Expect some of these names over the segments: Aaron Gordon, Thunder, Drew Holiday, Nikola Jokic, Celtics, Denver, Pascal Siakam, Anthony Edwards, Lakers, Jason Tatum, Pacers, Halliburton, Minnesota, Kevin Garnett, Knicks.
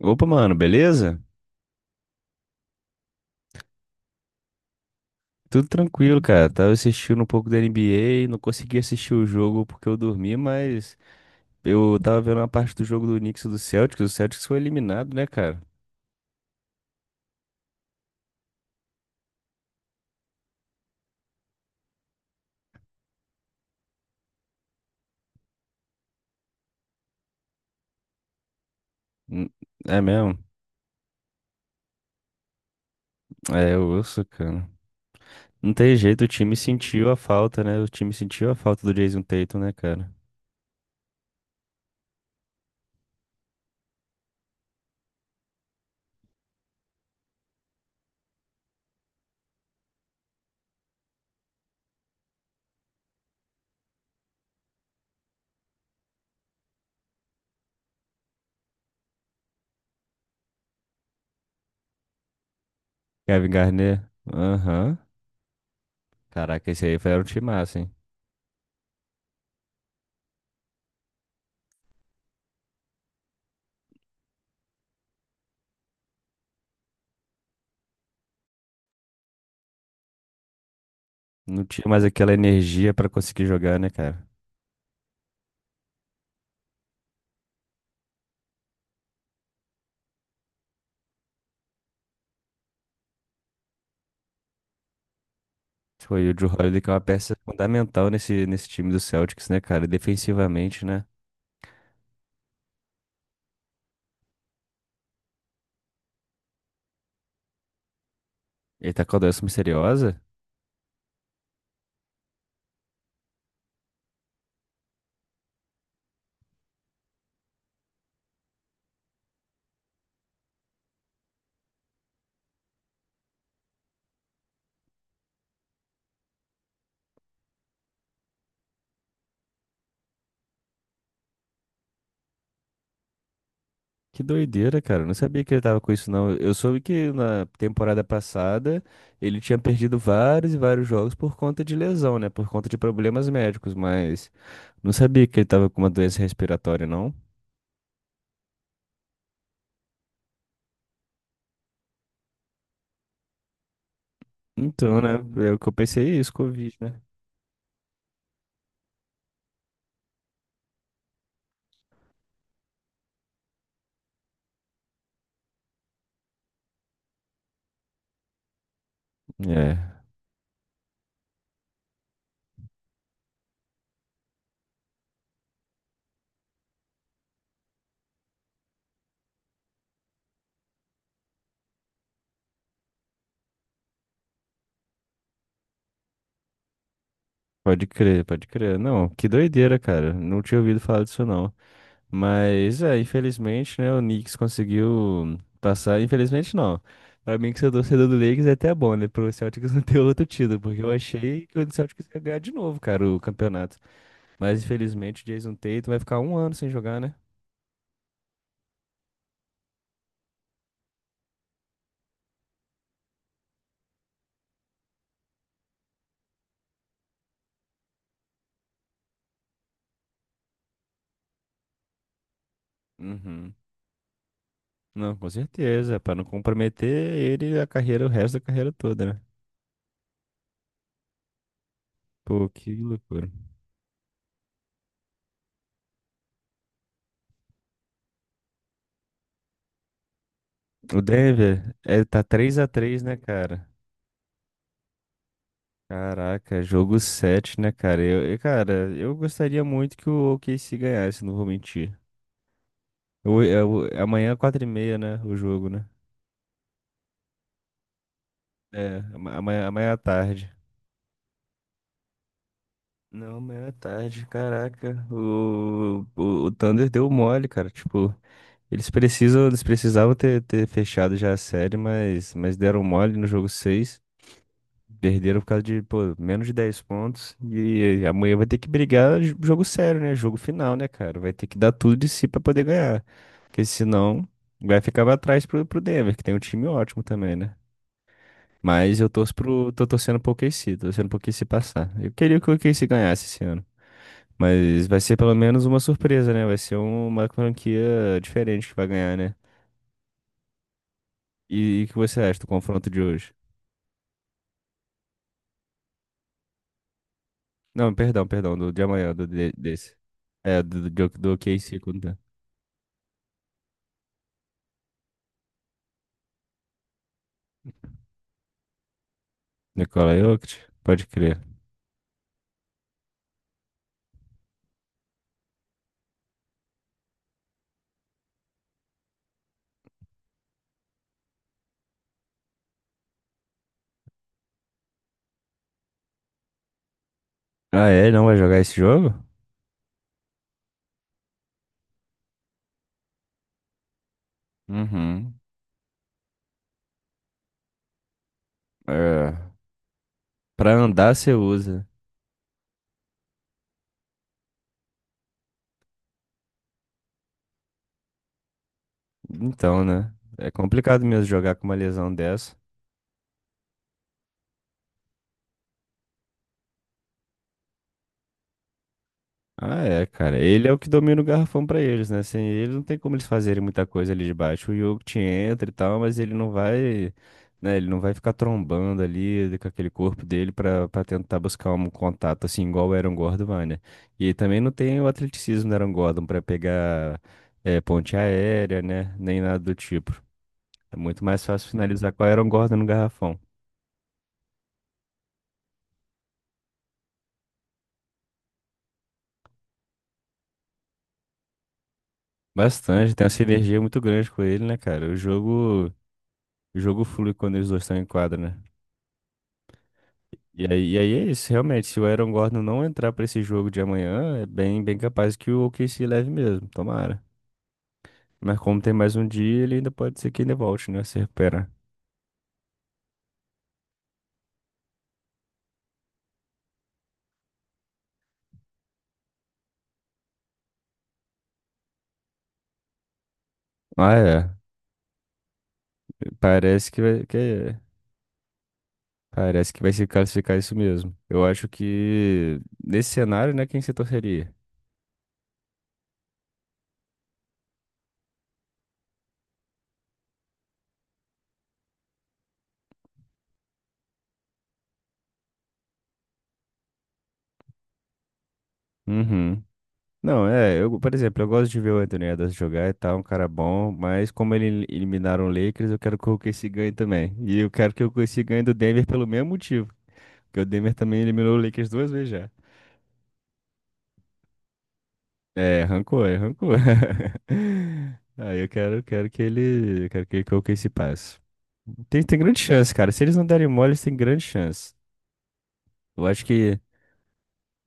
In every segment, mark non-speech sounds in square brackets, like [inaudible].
Opa, mano, beleza? Tudo tranquilo, cara. Tava assistindo um pouco da NBA, não consegui assistir o jogo porque eu dormi, mas eu tava vendo uma parte do jogo do Knicks e do Celtics. O Celtics foi eliminado, né, cara? N- É mesmo? É, eu ouço, cara. Não tem jeito, o time sentiu a falta, né? O time sentiu a falta do Jason Tatum, né, cara? Kevin Garnett? Aham. Caraca, era um time massa, hein? Não tinha mais aquela energia pra conseguir jogar, né, cara? Foi o Drew Holiday, que é uma peça fundamental nesse time do Celtics, né, cara? Defensivamente, né? Ele tá com a doença misteriosa? Que doideira, cara. Eu não sabia que ele tava com isso, não. Eu soube que na temporada passada ele tinha perdido vários e vários jogos por conta de lesão, né? Por conta de problemas médicos, mas não sabia que ele tava com uma doença respiratória, não. Então, né? É o que eu pensei, é isso, Covid, né? É, pode crer, pode crer. Não, que doideira, cara. Não tinha ouvido falar disso, não. Mas é, infelizmente, né, o Knicks conseguiu passar. Infelizmente não. Pra mim que sou torcedor do Lakers é até bom, né? Pro Celtics [laughs] não ter outro título, porque eu achei que o Celtics ia ganhar de novo, cara, o campeonato. Mas infelizmente o Jason Tatum vai ficar um ano sem jogar, né? Uhum. Não, com certeza, pra não comprometer ele e a carreira, o resto da carreira toda, né? Pô, que loucura. O Denver é, tá 3-3 né, cara? Caraca, jogo 7, né, cara? Cara, eu gostaria muito que o OKC ganhasse, não vou mentir. Eu, amanhã, é 4:30, né? O jogo, né? É, amanhã à tarde. Não, amanhã à tarde, caraca. O Thunder deu mole, cara. Tipo, eles precisam, eles precisavam ter fechado já a série, mas deram mole no jogo 6. Perderam por causa de, pô, menos de 10 pontos. E amanhã vai ter que brigar jogo sério, né? Jogo final, né, cara? Vai ter que dar tudo de si pra poder ganhar. Porque senão vai ficar pra trás pro Denver, que tem um time ótimo também, né? Mas eu torço pro, tô torcendo pro OKC, tô torcendo pro OKC passar. Eu queria que o OKC ganhasse esse ano. Mas vai ser pelo menos uma surpresa, né? Vai ser uma franquia diferente que vai ganhar, né? E o que você acha do confronto de hoje? Não, perdão, perdão, do de amanhã, desse. É, do KC contra Nikola Jokic, pode crer. Ah, é? Não vai jogar esse jogo? Uhum. É, pra andar você usa. Então, né? É complicado mesmo jogar com uma lesão dessa. Ah, é, cara. Ele é o que domina o garrafão pra eles, né? Sem ele não tem como eles fazerem muita coisa ali de baixo. O Jokic entra e tal, mas ele não vai, né? Ele não vai ficar trombando ali com aquele corpo dele pra tentar buscar um contato assim igual o Aaron Gordon vai, né? E também não tem o atleticismo do Aaron Gordon pra pegar ponte aérea, né? Nem nada do tipo. É muito mais fácil finalizar com o Aaron Gordon no garrafão. Bastante, tem uma sinergia muito grande com ele, né, cara? O jogo flui quando eles dois estão em quadra, né? E aí é isso, realmente, se o Aaron Gordon não entrar pra esse jogo de amanhã, é bem, bem capaz que o OKC leve mesmo, tomara. Mas como tem mais um dia, ele ainda pode ser que ainda volte, né, se recuperar. Ah, é, parece que vai, parece que vai se classificar isso mesmo. Eu acho que nesse cenário, né, quem você torceria? Uhum. Não, é, eu, por exemplo, eu gosto de ver o Anthony Edwards jogar e tal, um cara bom, mas como ele eliminaram o Lakers, eu quero que o OKC ganhe também. E eu quero que o OKC ganhe do Denver pelo mesmo motivo. Porque o Denver também eliminou o Lakers duas vezes já. É, arrancou, é, arrancou. [laughs] Aí eu quero que ele, eu quero que o OKC passe. Tem grande chance, cara. Se eles não derem mole, eles têm grande chance. Eu acho que,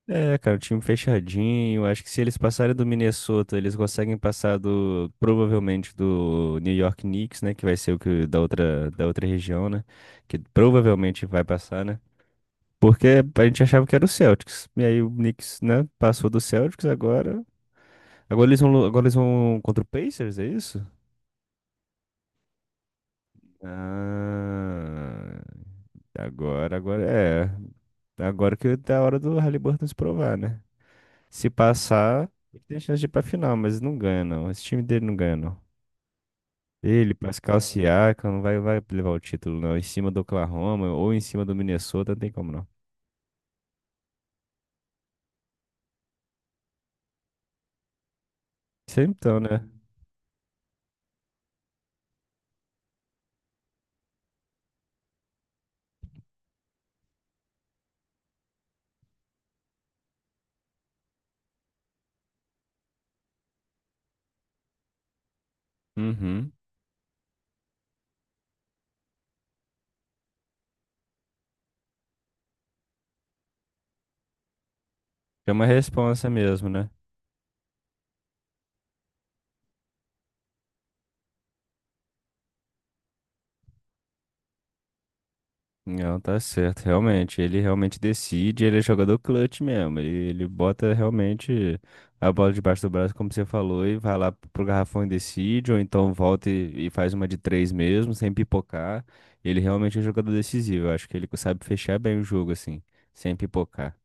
é, cara, o time fechadinho. Eu acho que se eles passarem do Minnesota, eles conseguem passar do, provavelmente do New York Knicks, né? Que vai ser o que da outra região, né? Que provavelmente vai passar, né? Porque a gente achava que era o Celtics. E aí o Knicks, né? Passou do Celtics agora. Agora eles vão contra o Pacers, é isso? Ah, agora é. Agora que tá a hora do Halliburton se provar, né? Se passar, ele tem chance de ir pra final, mas não ganha, não. Esse time dele não ganha, não. Ele, Pascal Siakam, não vai, vai levar o título, não. Em cima do Oklahoma ou em cima do Minnesota, não tem como, não. Sempre então, né? Uhum. É uma responsa mesmo, né? Não, tá certo, realmente. Ele realmente decide, ele é jogador clutch mesmo. Ele bota realmente a bola debaixo do braço, como você falou, e vai lá pro garrafão e decide, ou então volta e faz uma de três mesmo, sem pipocar. Ele realmente é um jogador decisivo. Eu acho que ele sabe fechar bem o jogo, assim, sem pipocar.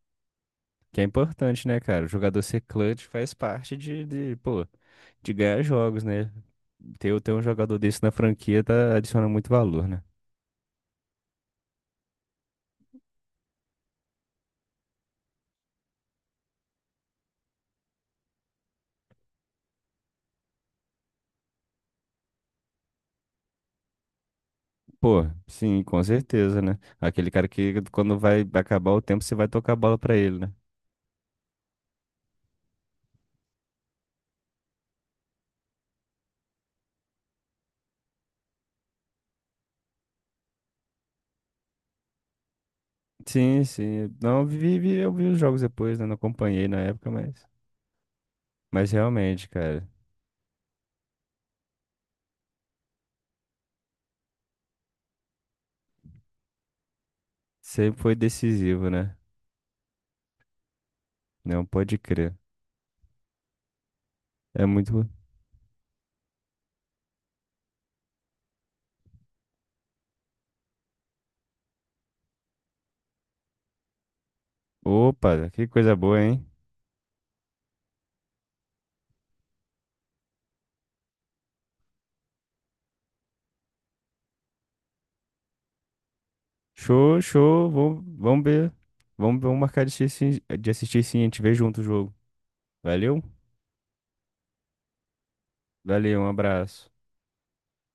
Que é importante, né, cara? O jogador ser clutch faz parte de, pô, de ganhar jogos, né? Ter um jogador desse na franquia tá, adiciona muito valor, né? Pô, sim, com certeza, né? Aquele cara que quando vai acabar o tempo, você vai tocar a bola pra ele, né? Sim, sim. Não, eu vi os jogos depois, né? Não acompanhei na época, mas. Mas realmente, cara, sempre foi decisivo, né? Não pode crer. É muito. Opa, que coisa boa, hein? Show, show. Vamos, vamos ver. Vamos, vamos marcar de assistir, sim. A gente vê junto o jogo. Valeu? Valeu, um abraço.